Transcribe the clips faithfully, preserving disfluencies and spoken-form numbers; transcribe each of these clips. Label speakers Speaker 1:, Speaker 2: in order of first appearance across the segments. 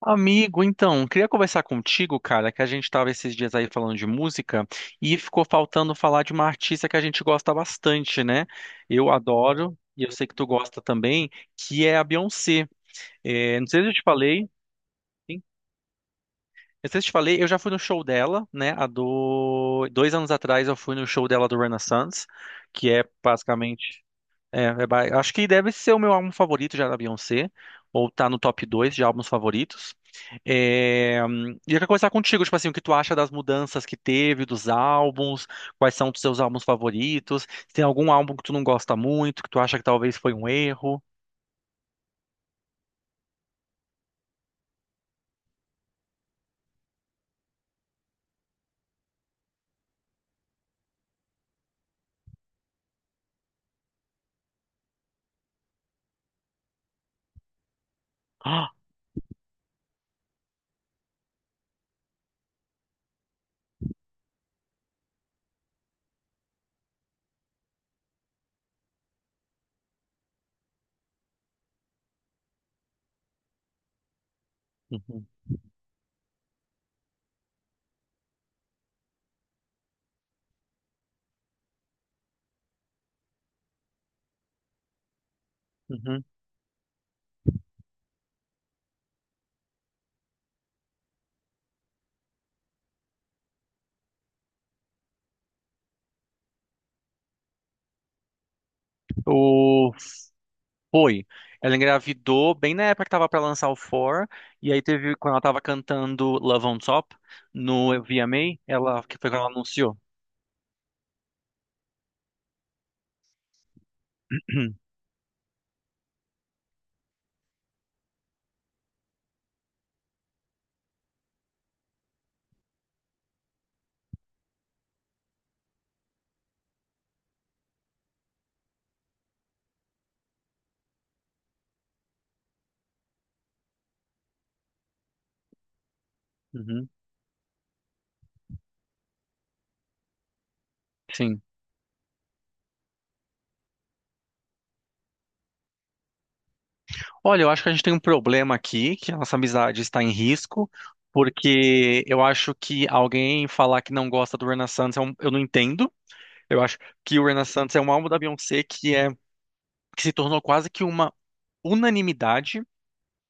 Speaker 1: Amigo, então, queria conversar contigo, cara, que a gente tava esses dias aí falando de música e ficou faltando falar de uma artista que a gente gosta bastante, né? Eu adoro, e eu sei que tu gosta também, que é a Beyoncé. É, não sei se eu te falei, sim, não sei se eu te falei, eu já fui no show dela, né? Há do... dois anos atrás eu fui no show dela do Renaissance, que é basicamente, é, é ba- acho que deve ser o meu álbum favorito já da Beyoncé, ou tá no top dois de álbuns favoritos. É, hum, e eu quero conversar contigo, tipo assim, o que tu acha das mudanças que teve, dos álbuns, quais são os teus álbuns favoritos, se tem algum álbum que tu não gosta muito, que tu acha que talvez foi um erro. Ah, uhum, uhum. O... Foi. Ela engravidou bem na época que tava pra lançar o Four, e aí teve, quando ela tava cantando Love on Top no V M A, ela, que foi quando ela anunciou. Uhum, sim. Olha, eu acho que a gente tem um problema aqui, que a nossa amizade está em risco, porque eu acho que alguém falar que não gosta do Renaissance, é um- eu não entendo. Eu acho que o Renaissance é um álbum da Beyoncé que é que se tornou quase que uma unanimidade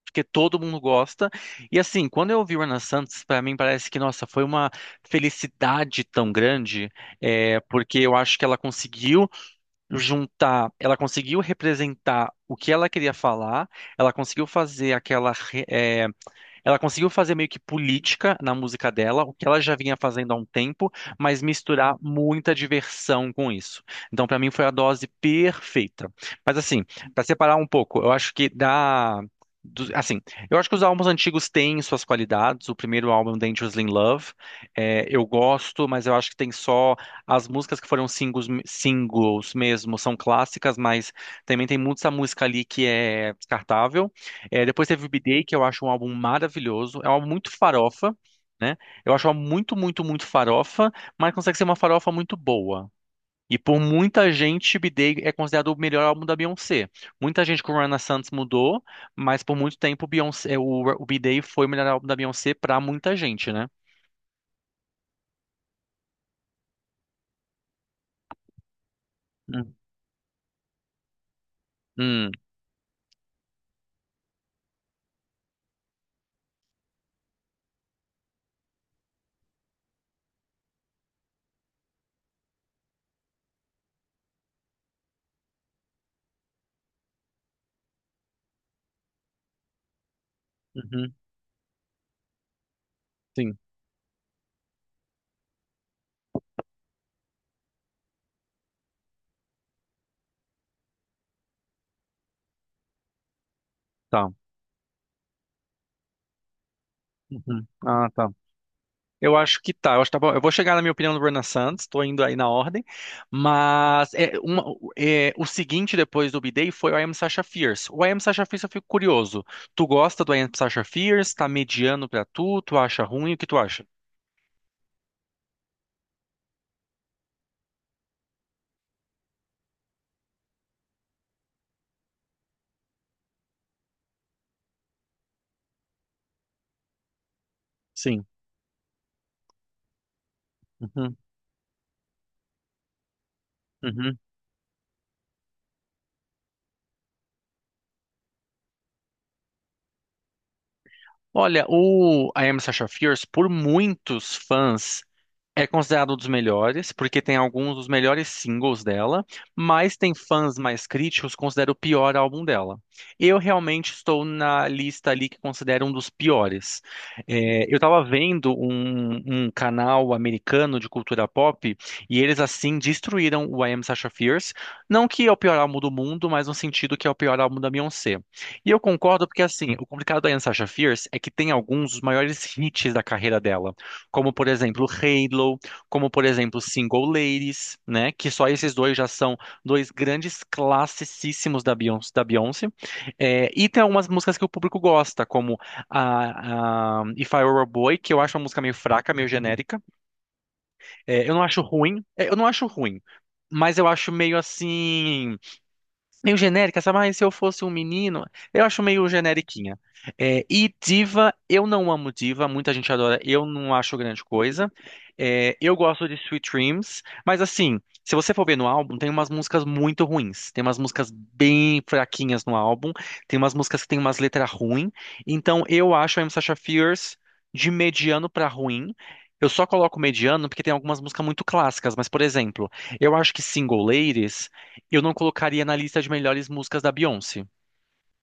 Speaker 1: porque todo mundo gosta. E assim, quando eu ouvi o Ana Santos, para mim parece que, nossa, foi uma felicidade tão grande, é, porque eu acho que ela conseguiu juntar, ela conseguiu representar o que ela queria falar, ela conseguiu fazer aquela ela conseguiu fazer meio que política na música dela, o que ela já vinha fazendo há um tempo, mas misturar muita diversão com isso. Então, pra mim, foi a dose perfeita. Mas, assim, pra separar um pouco, eu acho que da. do- assim, eu acho que os álbuns antigos têm suas qualidades. O primeiro álbum, Dangerously in Love, é, eu gosto, mas eu acho que tem só as músicas que foram singles, singles mesmo, são clássicas, mas também tem muita música ali que é descartável. É, depois teve o B-Day, que eu acho um álbum maravilhoso. É um álbum muito farofa, né? Eu acho um álbum muito, muito, muito farofa, mas consegue ser uma farofa muito boa. E por muita gente, B-Day é considerado o melhor álbum da Beyoncé. Muita gente com Rihanna Santos mudou, mas por muito tempo o Beyoncé, o, o B-Day foi o melhor álbum da Beyoncé pra muita gente, né? Hum, hum, uhum, sim, tá. Uhum. Ah, tá. Eu acho que tá. Eu acho que tá bom. Eu vou chegar na minha opinião do Bruna Santos, estou indo aí na ordem. Mas é, uma- é, o seguinte depois do B-Day foi o I Am Sasha Fierce. O I Am Sasha Fierce eu fico curioso. Tu gosta do I Am Sasha Fierce? Tá mediano pra tu? Tu acha ruim? O que tu acha? Sim. Uhum, uhum. Olha, o I Am Sasha Fierce, por muitos fãs. É considerado um dos melhores, porque tem alguns dos melhores singles dela, mas tem fãs mais críticos que consideram o pior álbum dela. Eu realmente estou na lista ali que considero um dos piores. É, eu estava vendo um, um canal americano de cultura pop e eles assim destruíram o I Am Sasha Fierce. Não que é o pior álbum do mundo, mas no sentido que é o pior álbum da Beyoncé. E eu concordo porque assim, o complicado da I Am Sasha Fierce é que tem alguns dos maiores hits da carreira dela como por exemplo Halo, como por exemplo Single Ladies, né? Que só esses dois já são dois grandes classicíssimos da Beyoncé. Da Beyoncé. É, e tem algumas músicas que o público gosta, como a, a If I Were a Boy, que eu acho uma música meio fraca, meio genérica. É, eu não acho ruim, é, eu não acho ruim, mas eu acho meio assim. Meio genérica, sabe? Mas se eu fosse um menino, eu acho meio generiquinha. É, e diva, eu não amo diva, muita gente adora, eu não acho grande coisa. É, eu gosto de Sweet Dreams, mas assim, se você for ver no álbum, tem umas músicas muito ruins, tem umas músicas bem fraquinhas no álbum, tem umas músicas que tem umas letras ruins. Então eu acho a M. Sacha Fierce de mediano pra ruim. Eu só coloco mediano porque tem algumas músicas muito clássicas, mas por exemplo, eu acho que Single Ladies. Eu não colocaria na lista de melhores músicas da Beyoncé.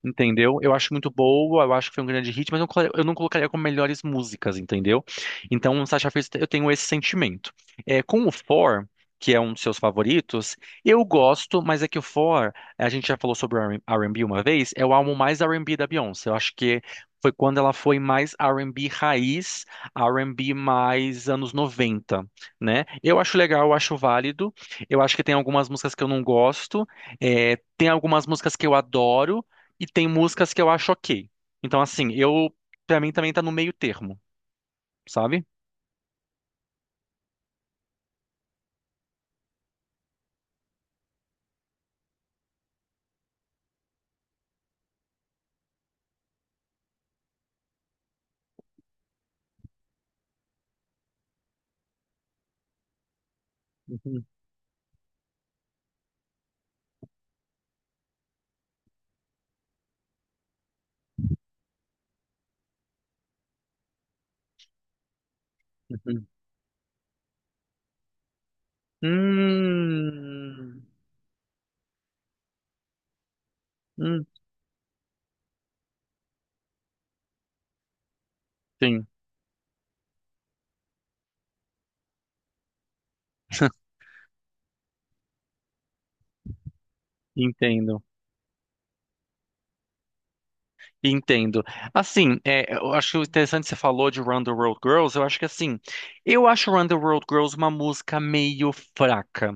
Speaker 1: Entendeu? Eu acho muito boa, eu acho que foi um grande hit, mas eu não colo- eu não colocaria como melhores músicas, entendeu? Então, Sasha Fierce, eu tenho esse sentimento. É, com o For, que é um dos seus favoritos, eu gosto, mas é que o For, a gente já falou sobre o R B uma vez, é o álbum mais R B da Beyoncé. Eu acho que foi quando ela foi mais R B raiz, R B mais anos noventa, né? Eu acho legal, eu acho válido. Eu acho que tem algumas músicas que eu não gosto, é, tem algumas músicas que eu adoro, e tem músicas que eu acho ok. Então, assim, eu, pra mim também tá no meio termo, sabe? Uhum, uhum. Hum, hum, sim, entendo. Entendo. Assim, é, eu acho interessante que você falou de Run the World Girls. Eu acho que assim, eu acho Run the World Girls uma música meio fraca.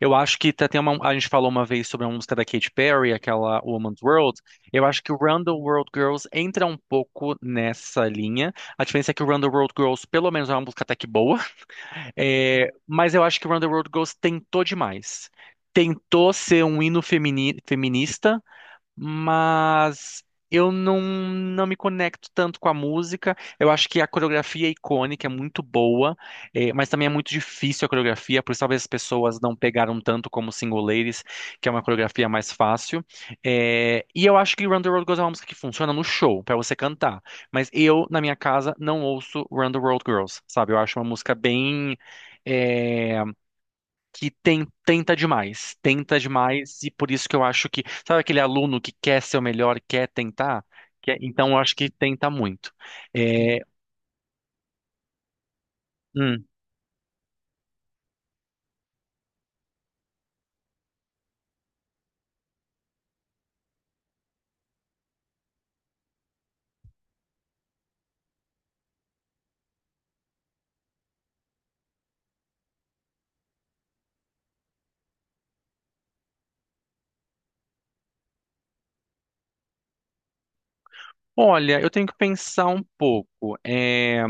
Speaker 1: Eu acho que tá- tem uma, a gente falou uma vez sobre uma música da Katy Perry, aquela Woman's World. Eu acho que o Run the World Girls entra um pouco nessa linha. A diferença é que o Run the World Girls, pelo menos, é uma música até que boa. É, mas eu acho que Run the World Girls tentou demais. Tentou ser um hino femini- feminista, mas eu não, não me conecto tanto com a música. Eu acho que a coreografia é icônica, é muito boa, eh, mas também é muito difícil a coreografia, por isso talvez as pessoas não pegaram tanto como Single Ladies, que é uma coreografia mais fácil. Eh, e eu acho que Run the World Girls é uma música que funciona no show, pra você cantar. Mas eu, na minha casa, não ouço Run the World Girls, sabe? Eu acho uma música bem. eh, que tem- Tenta demais, tenta demais, e por isso que eu acho que, sabe aquele aluno que quer ser o melhor, quer tentar? Quer- então eu acho que tenta muito. É, hum, Olha, eu tenho que pensar um pouco. É,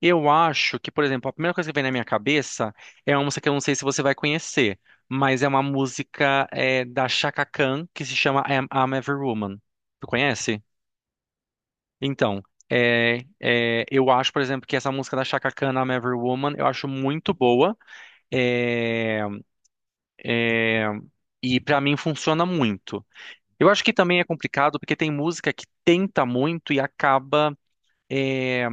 Speaker 1: Eu acho que, por exemplo, a primeira coisa que vem na minha cabeça é uma música que eu não sei se você vai conhecer, mas é uma música, é, da Chaka Khan que se chama I'm, I'm Every Woman. Tu conhece? Então, é, é, eu acho, por exemplo, que essa música da Chaka Khan, I'm Every Woman, eu acho muito boa. é, e pra mim funciona muito. Eu acho que também é complicado porque tem música que tenta muito e acaba é,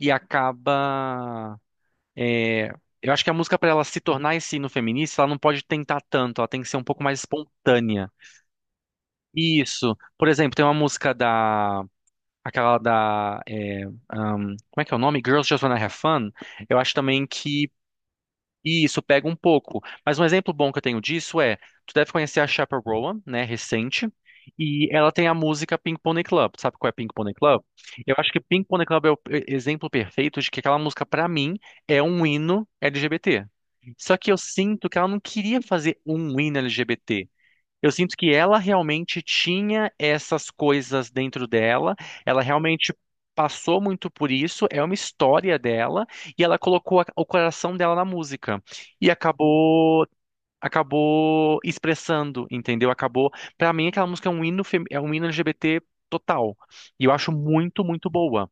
Speaker 1: e acaba é, eu acho que a música para ela se tornar esse hino feminista, ela não pode tentar tanto, ela tem que ser um pouco mais espontânea. Isso. Por exemplo, tem uma música da Aquela da. É, um, como é que é o nome? Girls Just Wanna Have Fun. Eu acho também que isso pega um pouco. Mas um exemplo bom que eu tenho disso é: tu deve conhecer a Chappell Roan, né? Recente. E ela tem a música Pink Pony Club. Sabe qual é Pink Pony Club? Eu acho que Pink Pony Club é o pe- exemplo perfeito de que aquela música, pra mim, é um hino L G B T. Só que eu sinto que ela não queria fazer um hino L G B T. Eu sinto que ela realmente tinha essas coisas dentro dela, ela realmente passou muito por isso, é uma história dela, e ela colocou a- o coração dela na música e acabou acabou expressando, entendeu? Acabou, pra mim aquela música é um hino fem- é um hino L G B T total. E eu acho muito, muito boa.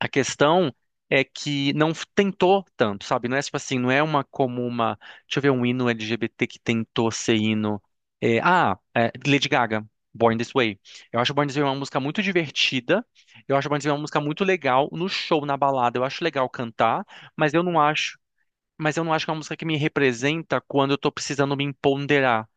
Speaker 1: A questão é que não f- tentou tanto, sabe? Não é tipo assim, não é uma como uma. Deixa eu ver um hino L G B T que tentou ser hino. É, ah, é, Lady Gaga, Born This Way. Eu acho Born This Way uma música muito divertida. Eu acho Born This Way uma música muito legal no show, na balada. Eu acho legal cantar, mas eu não acho. Mas eu não acho que é uma música que me representa quando eu tô precisando me empoderar,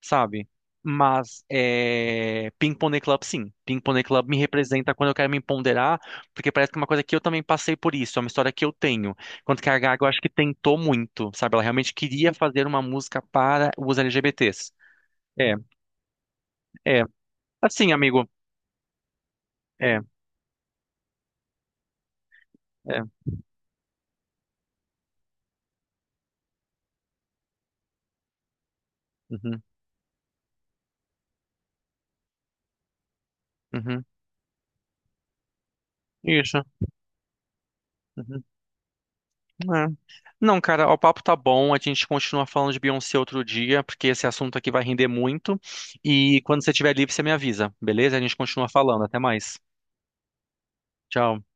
Speaker 1: sabe? Mas é, Ping Pong Club, sim. Ping Pong Club me representa quando eu quero me empoderar, porque parece que é uma coisa que eu também passei por isso, é uma história que eu tenho. Enquanto que a Gaga, eu acho que tentou muito, sabe? Ela realmente queria fazer uma música para os L G B T s. É, é. Assim, amigo. É, é. Uhum, uhum. Isso. Uhum, é. Não, cara, o papo tá bom. A gente continua falando de Beyoncé outro dia, porque esse assunto aqui vai render muito. E quando você estiver livre, você me avisa, beleza? A gente continua falando. Até mais. Tchau.